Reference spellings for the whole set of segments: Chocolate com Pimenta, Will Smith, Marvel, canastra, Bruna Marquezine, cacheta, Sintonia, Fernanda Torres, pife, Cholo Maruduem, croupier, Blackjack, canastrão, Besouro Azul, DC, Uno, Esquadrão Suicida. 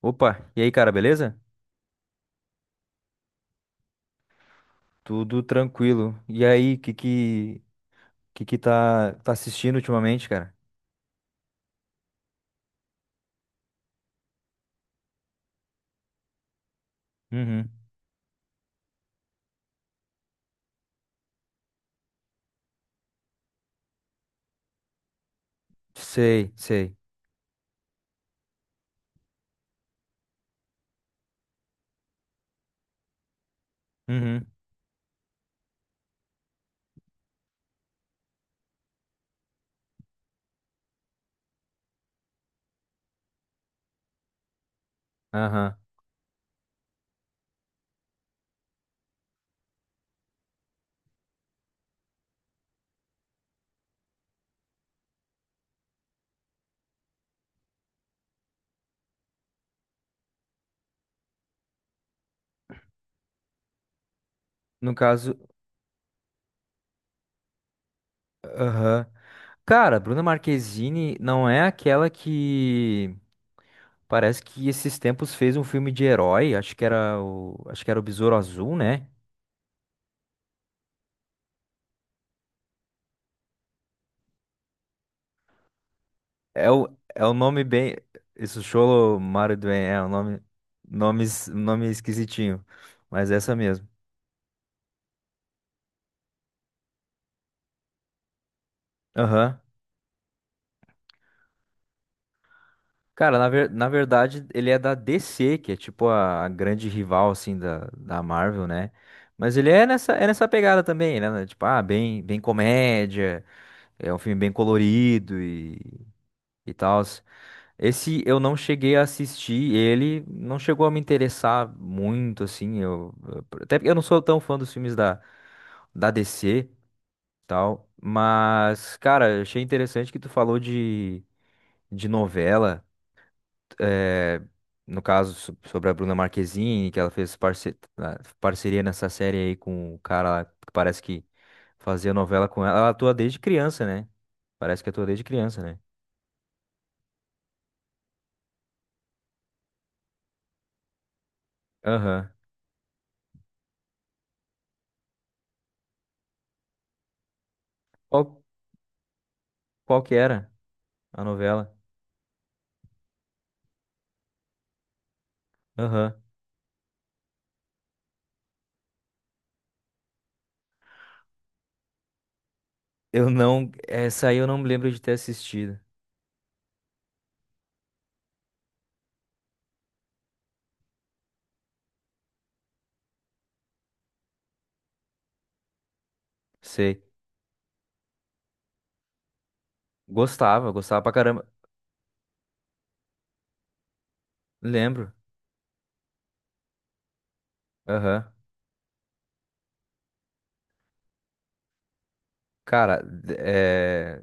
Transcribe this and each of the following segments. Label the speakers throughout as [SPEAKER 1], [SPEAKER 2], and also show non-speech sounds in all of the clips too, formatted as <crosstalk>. [SPEAKER 1] Opa, e aí, cara, beleza? Tudo tranquilo. E aí, que que tá assistindo ultimamente, cara? Uhum. Sei, sei. Uhum. Aham. No caso, aham. Cara, Bruna Marquezine não é aquela que parece que esses tempos fez um filme de herói, acho que era o Besouro Azul, né? É o nome bem isso, Cholo Maruduem, é o nome esquisitinho, mas é essa mesmo. Aham. Cara, na verdade, ele é da DC, que é tipo a grande rival, assim, da Marvel, né? Mas é nessa pegada também, né? Tipo, ah, bem comédia, é um filme bem colorido e tal. Esse eu não cheguei a assistir, ele não chegou a me interessar muito, assim. Até porque eu não sou tão fã dos filmes da DC, tal. Mas, cara, eu achei interessante que tu falou de novela eh, no caso sobre a Bruna Marquezine, que ela fez parceria nessa série aí com o cara lá, que parece que fazia novela com ela. Ela atua desde criança, né? Parece que atua desde criança, né? Aham. Qual, qual que era a novela? Aham. Eu não. Essa aí eu não me lembro de ter assistido. Sei. Gostava, gostava pra caramba. Lembro. Aham. Cara,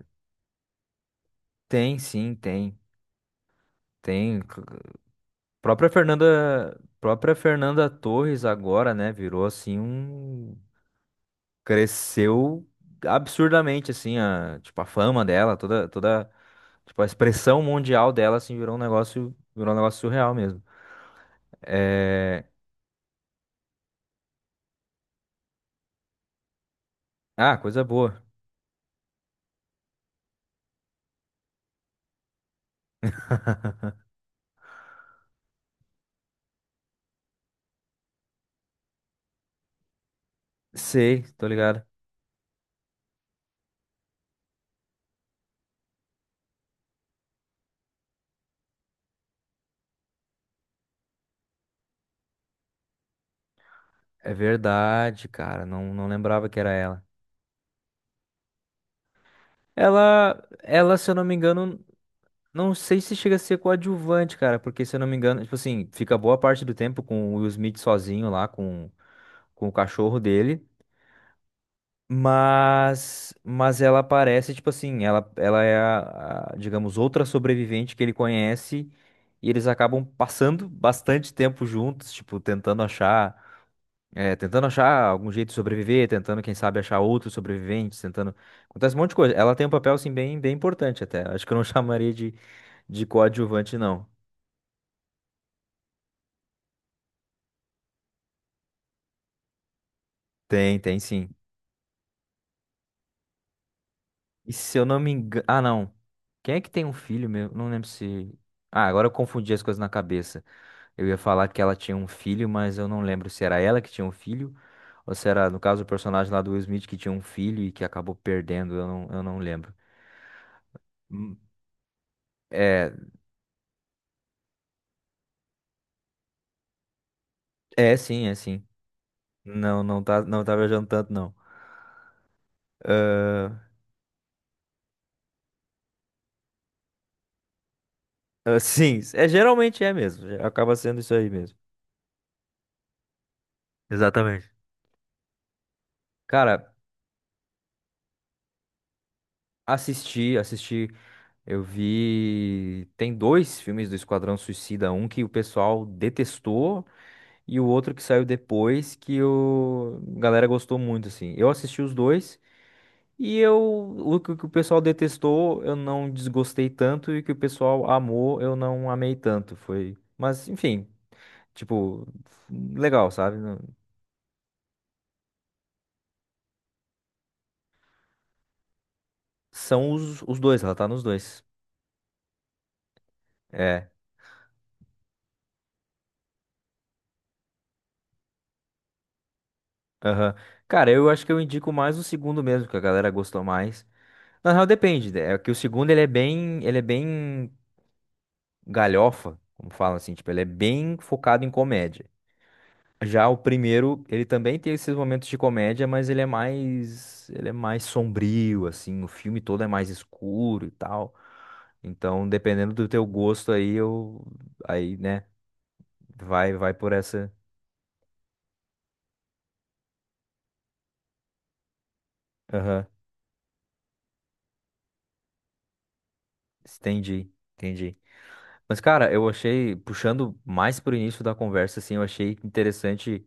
[SPEAKER 1] tem sim, tem. Tem. Própria Fernanda Torres agora, né, virou assim um... Cresceu absurdamente assim, a, tipo a fama dela, toda, tipo a expressão mundial dela assim virou um negócio surreal mesmo. É... Ah, coisa boa. Sei, tô ligado. É verdade, cara, não lembrava que era ela. Ela, se eu não me engano, não sei se chega a ser coadjuvante, cara, porque se eu não me engano, tipo assim, fica boa parte do tempo com o Will Smith sozinho lá com o cachorro dele, mas ela parece tipo assim, ela é a, digamos, outra sobrevivente que ele conhece e eles acabam passando bastante tempo juntos, tipo tentando achar é, tentando achar algum jeito de sobreviver, tentando, quem sabe, achar outros sobreviventes, tentando. Acontece um monte de coisa. Ela tem um papel, assim, bem importante até. Acho que eu não <laughs> chamaria de coadjuvante, não. Tem, tem sim. E se eu não me engano. Ah, não. Quem é que tem um filho mesmo? Não lembro se. Ah, agora eu confundi as coisas na cabeça. Eu ia falar que ela tinha um filho, mas eu não lembro se era ela que tinha um filho. Ou se era, no caso, o personagem lá do Will Smith que tinha um filho e que acabou perdendo. Eu não lembro. Hum, É, é sim, é sim. Não, não tá viajando tanto, não. Ah, ah, <laughs> sim, é, geralmente é mesmo. Acaba sendo isso aí mesmo. Exatamente. Cara, assisti, assisti. Eu vi. Tem dois filmes do Esquadrão Suicida, um que o pessoal detestou e o outro que saiu depois que o a galera gostou muito, assim. Eu assisti os dois e eu o que o pessoal detestou eu não desgostei tanto e o que o pessoal amou eu não amei tanto. Foi, mas enfim, tipo, legal, sabe? Não- São os dois, ela tá nos dois. É. Aham. Cara, eu acho que eu indico mais o segundo mesmo, que a galera gostou mais. Na real, depende, né? É que o segundo ele é bem galhofa, como falam, assim, tipo, ele é bem focado em comédia. Já o primeiro, ele também tem esses momentos de comédia, mas ele é mais sombrio, assim, o filme todo é mais escuro e tal. Então, dependendo do teu gosto aí, eu, aí, né, vai por essa. Aham, entendi, entendi. Mas, cara, eu achei, puxando mais pro início da conversa, assim, eu achei interessante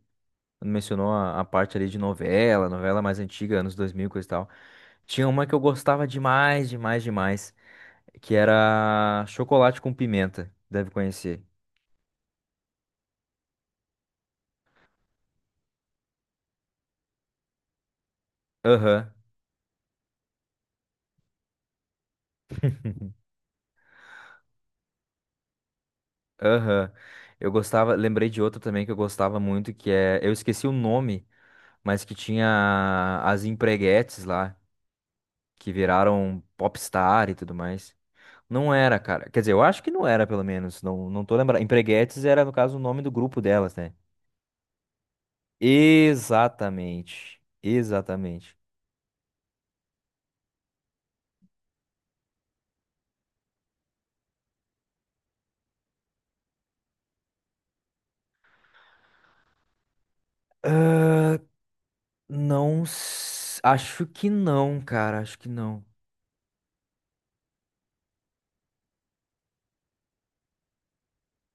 [SPEAKER 1] quando mencionou a parte ali de novela, novela mais antiga, anos 2000, e coisa e tal. Tinha uma que eu gostava demais, demais, demais, que era Chocolate com Pimenta, deve conhecer. Aham, aham. Eu gostava, lembrei de outra também que eu gostava muito, que é, eu esqueci o nome, mas que tinha as empreguetes lá, que viraram popstar e tudo mais. Não era, cara. Quer dizer, eu acho que não era, pelo menos. Não, não tô lembrando. Empreguetes era, no caso, o nome do grupo delas, né? Exatamente. Exatamente. Ah, não. Acho que não, cara. Acho que não.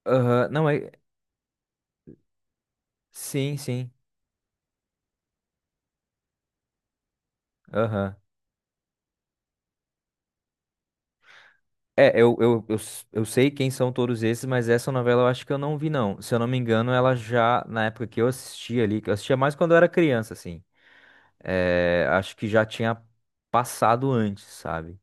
[SPEAKER 1] Aham. Não, é. Sim, sim. Aham. É, eu sei quem são todos esses, mas essa novela eu acho que eu não vi, não. Se eu não me engano, ela já, na época que eu assistia ali, que eu assistia mais quando eu era criança, assim. É, acho que já tinha passado antes, sabe?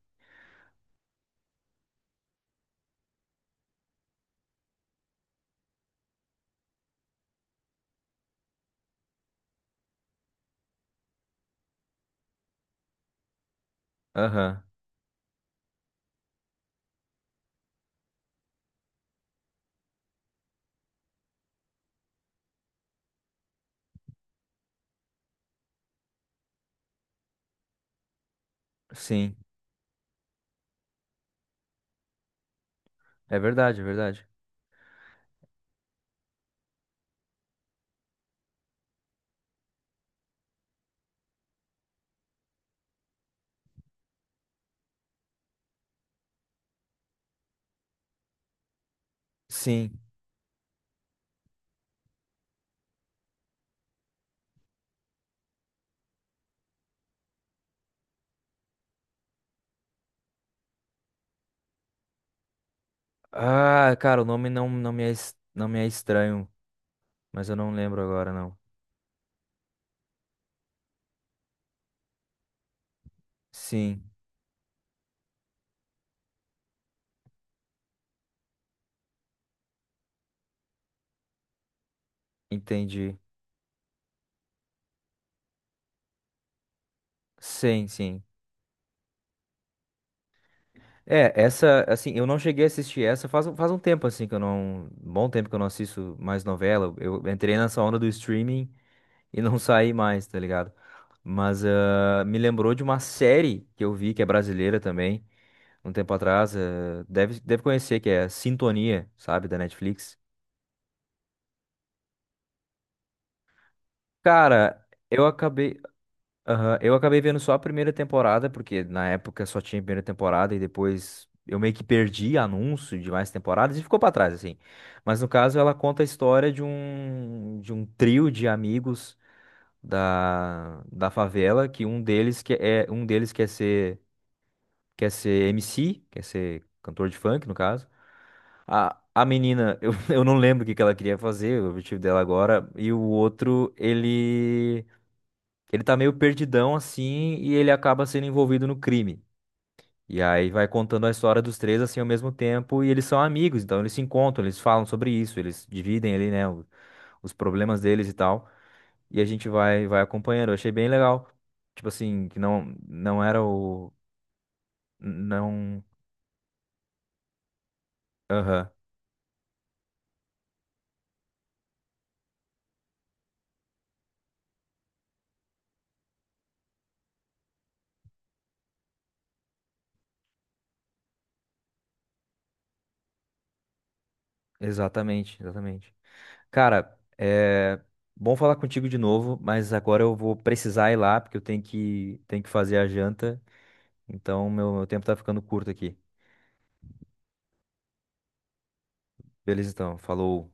[SPEAKER 1] Aham. Sim. É verdade, é verdade. Sim. Ah, cara, o nome não, não me é estranho, mas eu não lembro agora, não. Sim, entendi. Sim, sim. É, essa, assim, eu não cheguei a assistir essa faz, faz um tempo, assim, que eu não. Bom tempo que eu não assisto mais novela. Eu entrei nessa onda do streaming e não <laughs> saí mais, tá ligado? Mas ah, me lembrou de uma série que eu vi, que é brasileira também, um tempo atrás. Ah, deve conhecer, que é Sintonia, sabe, da Netflix. Cara, eu acabei. Aham, eu acabei vendo só a primeira temporada, porque na época só tinha a primeira temporada e depois eu meio que perdi anúncio de mais temporadas e ficou pra trás, assim. Mas no caso ela conta a história de um trio de amigos da favela, que um deles quer ser MC, quer ser cantor de funk, no caso. A menina, <laughs> eu não lembro o que que ela queria fazer, o objetivo dela agora, e o outro, ele tá meio perdidão assim e ele acaba sendo envolvido no crime. E aí vai contando a história dos três assim ao mesmo tempo e eles são amigos, então eles se encontram, eles falam sobre isso, eles dividem ali, né, o- os problemas deles e tal. E a gente vai acompanhando. Eu achei bem legal. Tipo assim, que não era o não, aham, exatamente, exatamente. Cara, é bom falar contigo de novo, mas agora eu vou precisar ir lá porque eu tenho que fazer a janta. Então, meu tempo tá ficando curto aqui. Beleza, então. Falou.